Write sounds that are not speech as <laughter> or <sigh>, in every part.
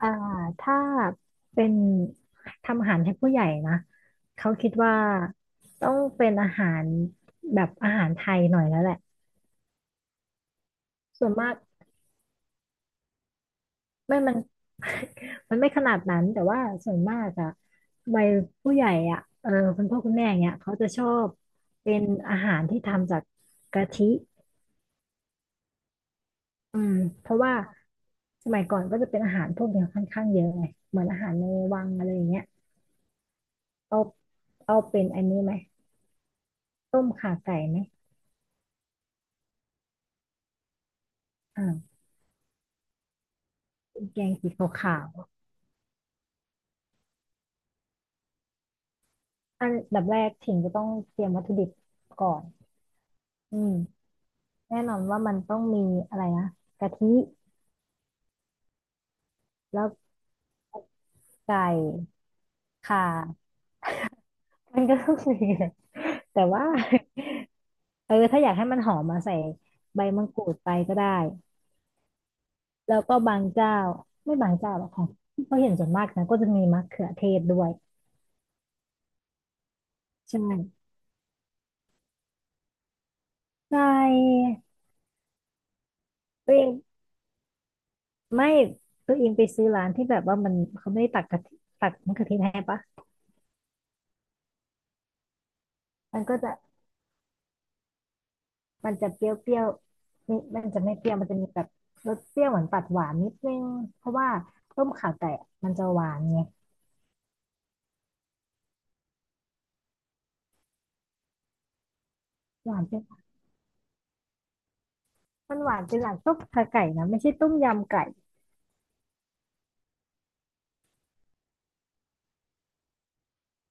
อ่าถ้าเป็นทำอาหารให้ผู้ใหญ่นะเขาคิดว่าต้องเป็นอาหารแบบอาหารไทยหน่อยแล้วแหละส่วนมากไม่มัน <laughs> มันไม่ขนาดนั้นแต่ว่าส่วนมากอะวัยผู้ใหญ่อะเออคุณพ่อคุณแม่อย่างเงี้ยเขาจะชอบเป็นอาหารที่ทำจากกะทิอืมเพราะว่าสมัยก่อนก็จะเป็นอาหารพวกเนี้ยค่อนข้างเยอะไงเหมือนอาหารในวังอะไรอย่างเงี้ยเอาเอาเป็นอันนี้ไหมต้มข่าไก่ไหม อ่าเป็นแกงสีขาวๆอันดับแรกถิ่นจะต้องเตรียมวัตถุดิบก่อนอืมแน่นอนว่ามันต้องมีอะไรนะกะทิแล้วไก่ข่ามันก็ต้องมีแหละแต่ว่า <laughs> เออถ้าอยากให้มันหอมมาใส่ใบมะกรูดไปก็ได้แล้วก็บางเจ้าไม่บางเจ้าหรอกของที่เขาเห็นส่วนมากนะก็จะมีมะเขือเทศด้วยใช่ใช่ตัวเองไม่ตัวเองไปซื้อร้านที่แบบว่ามันเขาไม่ได้ตักกะทิตักมะเขือเทศให้ปะมันก็จะ มันจะเปรี้ยวๆนี่มันจะไม่เปรี้ยวมันจะมีแบบรสเปรี้ยวเหมือนตัดหวานนิดนึงเพราะว่าต้มข่าไก่อะมันจะหวานไงหวานเป็นมันหวานเป็นหลักต้มข่าไก่นะไม่ใช่ต้มยำไก่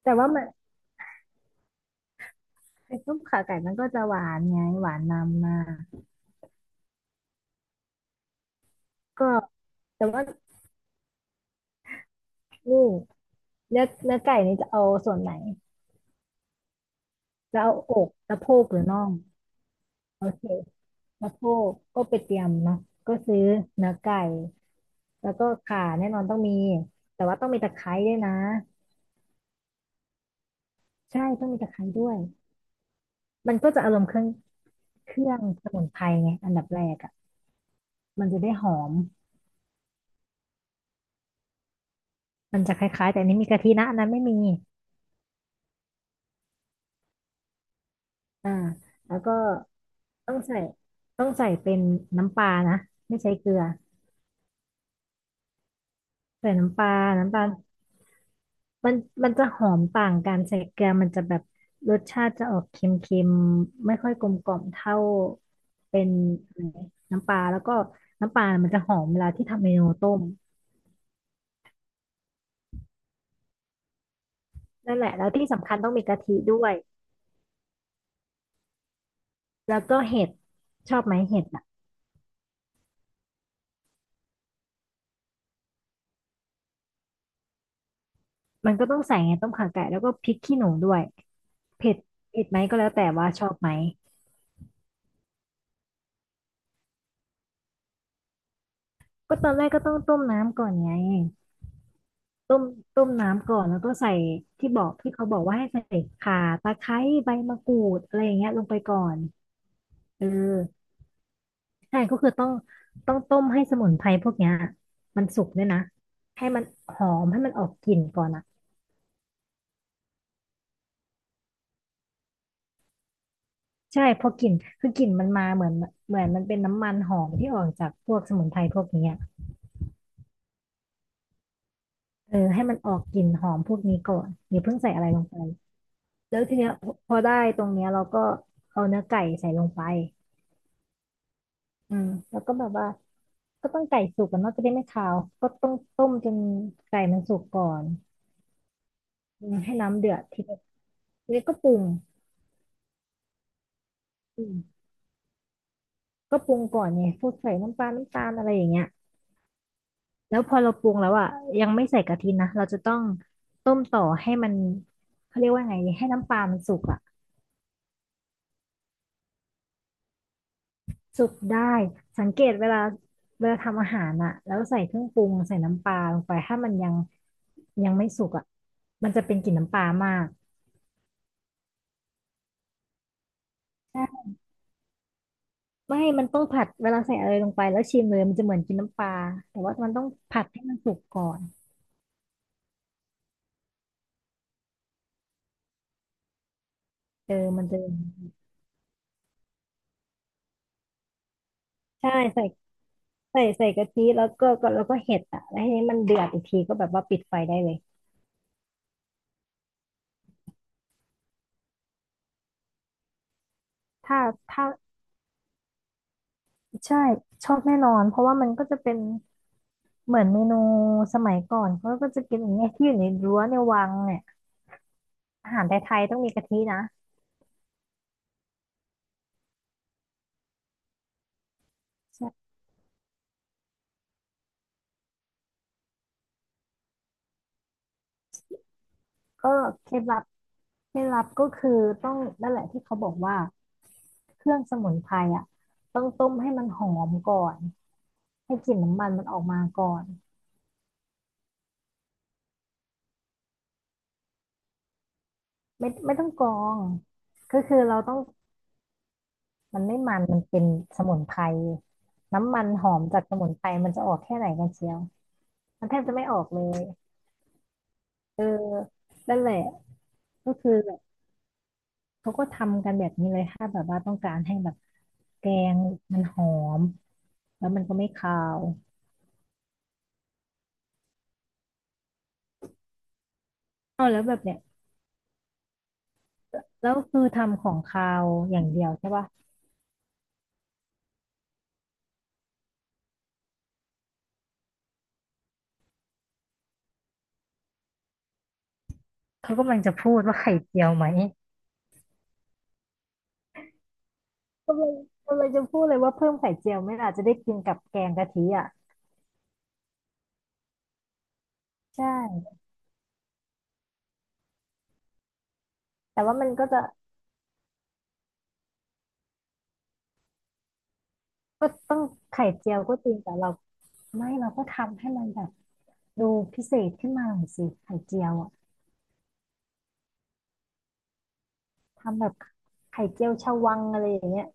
แต่ว่ามันไอ้ต้มข่าไก่มันก็จะหวานไงหวานนำมาก็แต่ว่านี่เนื้อไก่นี่จะเอาส่วนไหนจะเอาอกสะโพกหรือน่องโอเคสะโพกก็ไปเตรียมเนาะก็ซื้อเนื้อไก่แล้วก็ข่าแน่นอนต้องมีแต่ว่าต้องมีตะไคร้ด้วยนะ ใช่ต้องมีตะไคร้ด้วยมันก็จะอารมณ์เครื่องเครื่องสมุนไพรไงอันดับแรกอ่ะมันจะได้หอมมันจะคล้ายๆแต่อันนี้มีกะทินะอันนั้นไม่มีอ่าแล้วก็ต้องใส่ต้องใส่เป็นน้ำปลานะไม่ใช้เกลือใส่น้ำปลาน้ำปลามันมันจะหอมต่างกันใส่เกลือมันจะแบบรสชาติจะออกเค็มๆไม่ค่อยกลมกล่อมเท่าเป็นอะไรน้ำปลาแล้วก็น้ำปลามันจะหอมเวลาที่ทำเมนูต้มนั่นแหละแล้วที่สำคัญต้องมีกะทิด้วย แล้วก็เห็ดชอบไหมเห็ดอ่ะมันก็ต้องใส่ไงต้มข่าไก่แล้วก็พริกขี้หนูด้วยเผ็ดเผ็ดไหมก็แล้วแต่ว่าชอบไหมก็ตอนแรกก็ต้องต้มน้ำก่อนไงต้มต้มน้ำก่อนแล้วก็ใส่ที่เขาบอกว่าให้ใส่ข่าตะไคร้ใบมะกรูดอะไรอย่างเงี้ยลงไปก่อนเออใช่ก็คือต้องต้มให้สมุนไพรพวกเนี้ยมันสุกด้วยนะให้มันหอมให้มันออกกลิ่นก่อนอ่ะใช่พอกลิ่นคือกลิ่นมันมาเหมือนเหมือนมันเป็นน้ำมันหอมที่ออกจากพวกสมุนไพรพวกเนี้ย เออให้มันออกกลิ่นหอมพวกนี้ก่อนอย่าเพิ่งใส่อะไรลงไปแล้วทีเนี้ยพอได้ตรงเนี้ยเราก็เอาเนื้อไก่ใส่ลงไปอืมแล้วก็แบบว่าก็ต้องไก่สุกกันเนาะจะได้ไม่คาวก็ต้องต้มจนไก่มันสุกก่อนอืมให้น้ำเดือดทีเดียวแล้วก็ปรุงอืมก็ปรุงก่อนไงพวกใส่น้ำปลาน้ำตาลอะไรอย่างเงี้ยแล้วพอเราปรุงแล้วอ่ะยังไม่ใส่กะทินะเราจะต้องต้มต่อให้มันเขาเรียกว่าไงดีให้น้ำปลามันสุกอ่ะ สุกได้สังเกตเวลาเวลาทำอาหารอะแล้วใส่เครื่องปรุงใส่น้ำปลาลงไปถ้ามันยังไม่สุกอะมันจะเป็นกลิ่นน้ำปลามากใช่ไม่มันต้องผัดเวลาใส่อะไรลงไปแล้วชิมเลยมันจะเหมือนกินน้ำปลาแต่ว่ามันต้องผัดให้มันสุกก่อนเออมันจะใช่ใส่ใส่กะทิแล้วก็แล้วก็เห็ดอะแล้วทีนี้มันเดือดอีกทีก็แบบว่าปิดไฟได้เลยถ้าถ้าใช่ชอบแน่นอนเพราะว่ามันก็จะเป็น เหมือนเมนูสมัยก่อนเขาก็จะกินอย่างเงี้ยที่อยู่ในรั้วในวังเนี่ยอาหารไทยๆต้องมีกะทินะใช่ก็เคล็ดลับเคล็ดลับก็คือต้องนั่นแหละที่เขาบอกว่าเครื่องสมุนไพรอ่ะต้องต้มให้มันหอมก่อนให้กลิ่นน้ำมันมันออกมาก่อนไม่ต้องกรองก็คือเราต้องมันไม่มันมันเป็นสมุนไพรน้ำมันหอมจากสมุนไพรมันจะออกแค่ไหนกันเชียวมันแทบจะไม่ออกเลยเออนั่นแหละก็คือ เขาก็ทำกันแบบนี้เลยถ้าแบบว่าต้องการให้แบบแกงมันหอมแล้วมันก็ไม่คาวเอาแล้วแบบเนี้ยแล้วคือทำของคาวอย่างเดียวใช่ปะเขากำลังจะพูดว่าไข่เจียวไหมกำลังกำลังจะพูดเลยว่าเพิ่มไข่เจียวไหม่อาจจะได้กินกับแกงกะทิอ่ะใช่แต่ว่ามันก็จะก็ต้องไข่เจียวก็จริงแต่เราไม่เราก็ทำให้มันแบบดูพิเศษขึ้นมาหน่อยสิไข่เจียวอ่ะทำแบบไข่เจียวชวังอะไรอย่างเงี้ย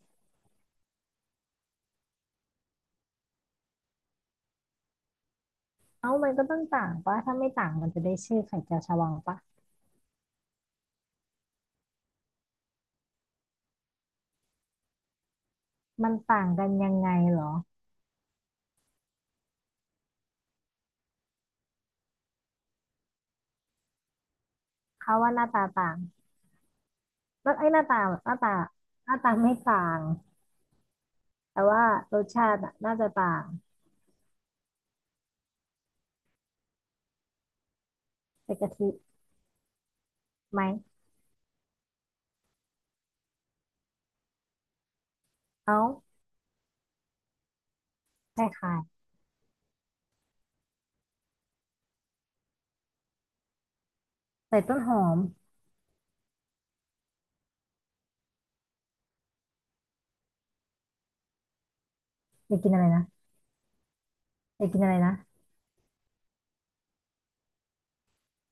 เอ้ามันก็ต้องต่างปะถ้าไม่ต่างมันจะได้ชื่อไข่เจียวชวาปะมันต่างกันยังไงเหรอเขาว่าหน้าตาต่างแล้วไอ้หน้าตาหน้าตาหน้าตาไม่ต่างแต่ว่ารสชาติอะน่าจะต่างใส่กะทิไหมเอ้าใช่ค่ะใส่ต้นหอมอยากกินอะไรนะอยากกินอะไรนะ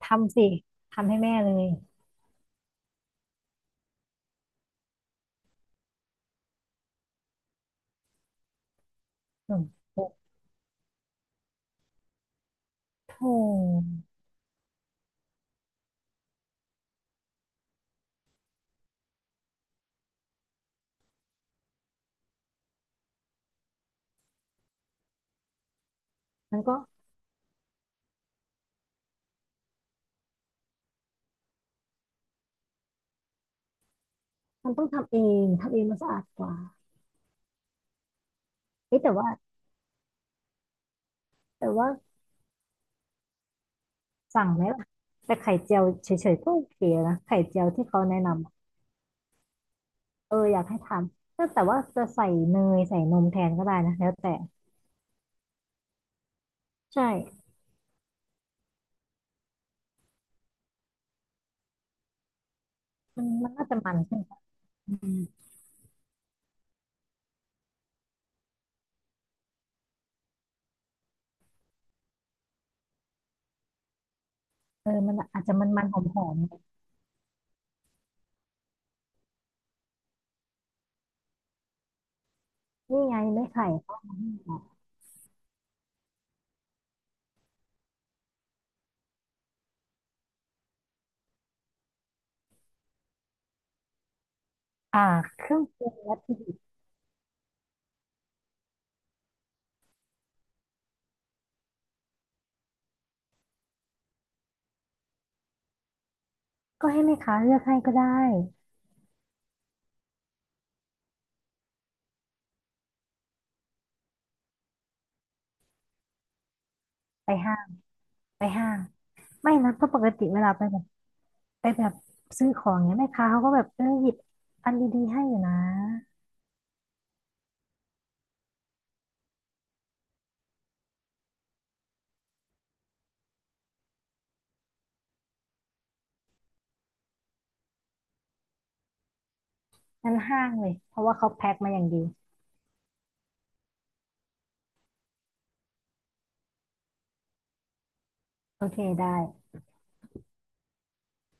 ทำสิทำให้แม่เลยหนมโอ้โหมันก็ต้องทำเองทำเองมันสะอาดกว่าเอ๊ะแต่ว่าแต่ว่า สั่งไหมล่ะแต่ไข่เจียวเฉยๆก็โอเคนะไข่เจียวที่เขาแนะนำอะเอออยากให้ทำแต่แต่ว่าจะใส่เนยใส่นมแทนก็ได้นะแล้วแต่ใช่มันน่าจะมันขึ้นอืมเออมันอาจจะมันหอมหอมๆนี่ไงไม่ไข่ก็มาให้เราอ่าเครื่องปรุงวัตถุดิบก็ให้แม่ค้าเลือกให้ก็ได้ไปห้างไปห้างไม่นะเพราะปกติเวลาไปแบบไปแบบซื้อของเนี้ยแม่ค้าเขาก็แบบเออหยิบอันดีๆให้อยู่นะงั้นห้างเลยเพราะว่าเขาแพ็คมาอย่างดีโอเคได้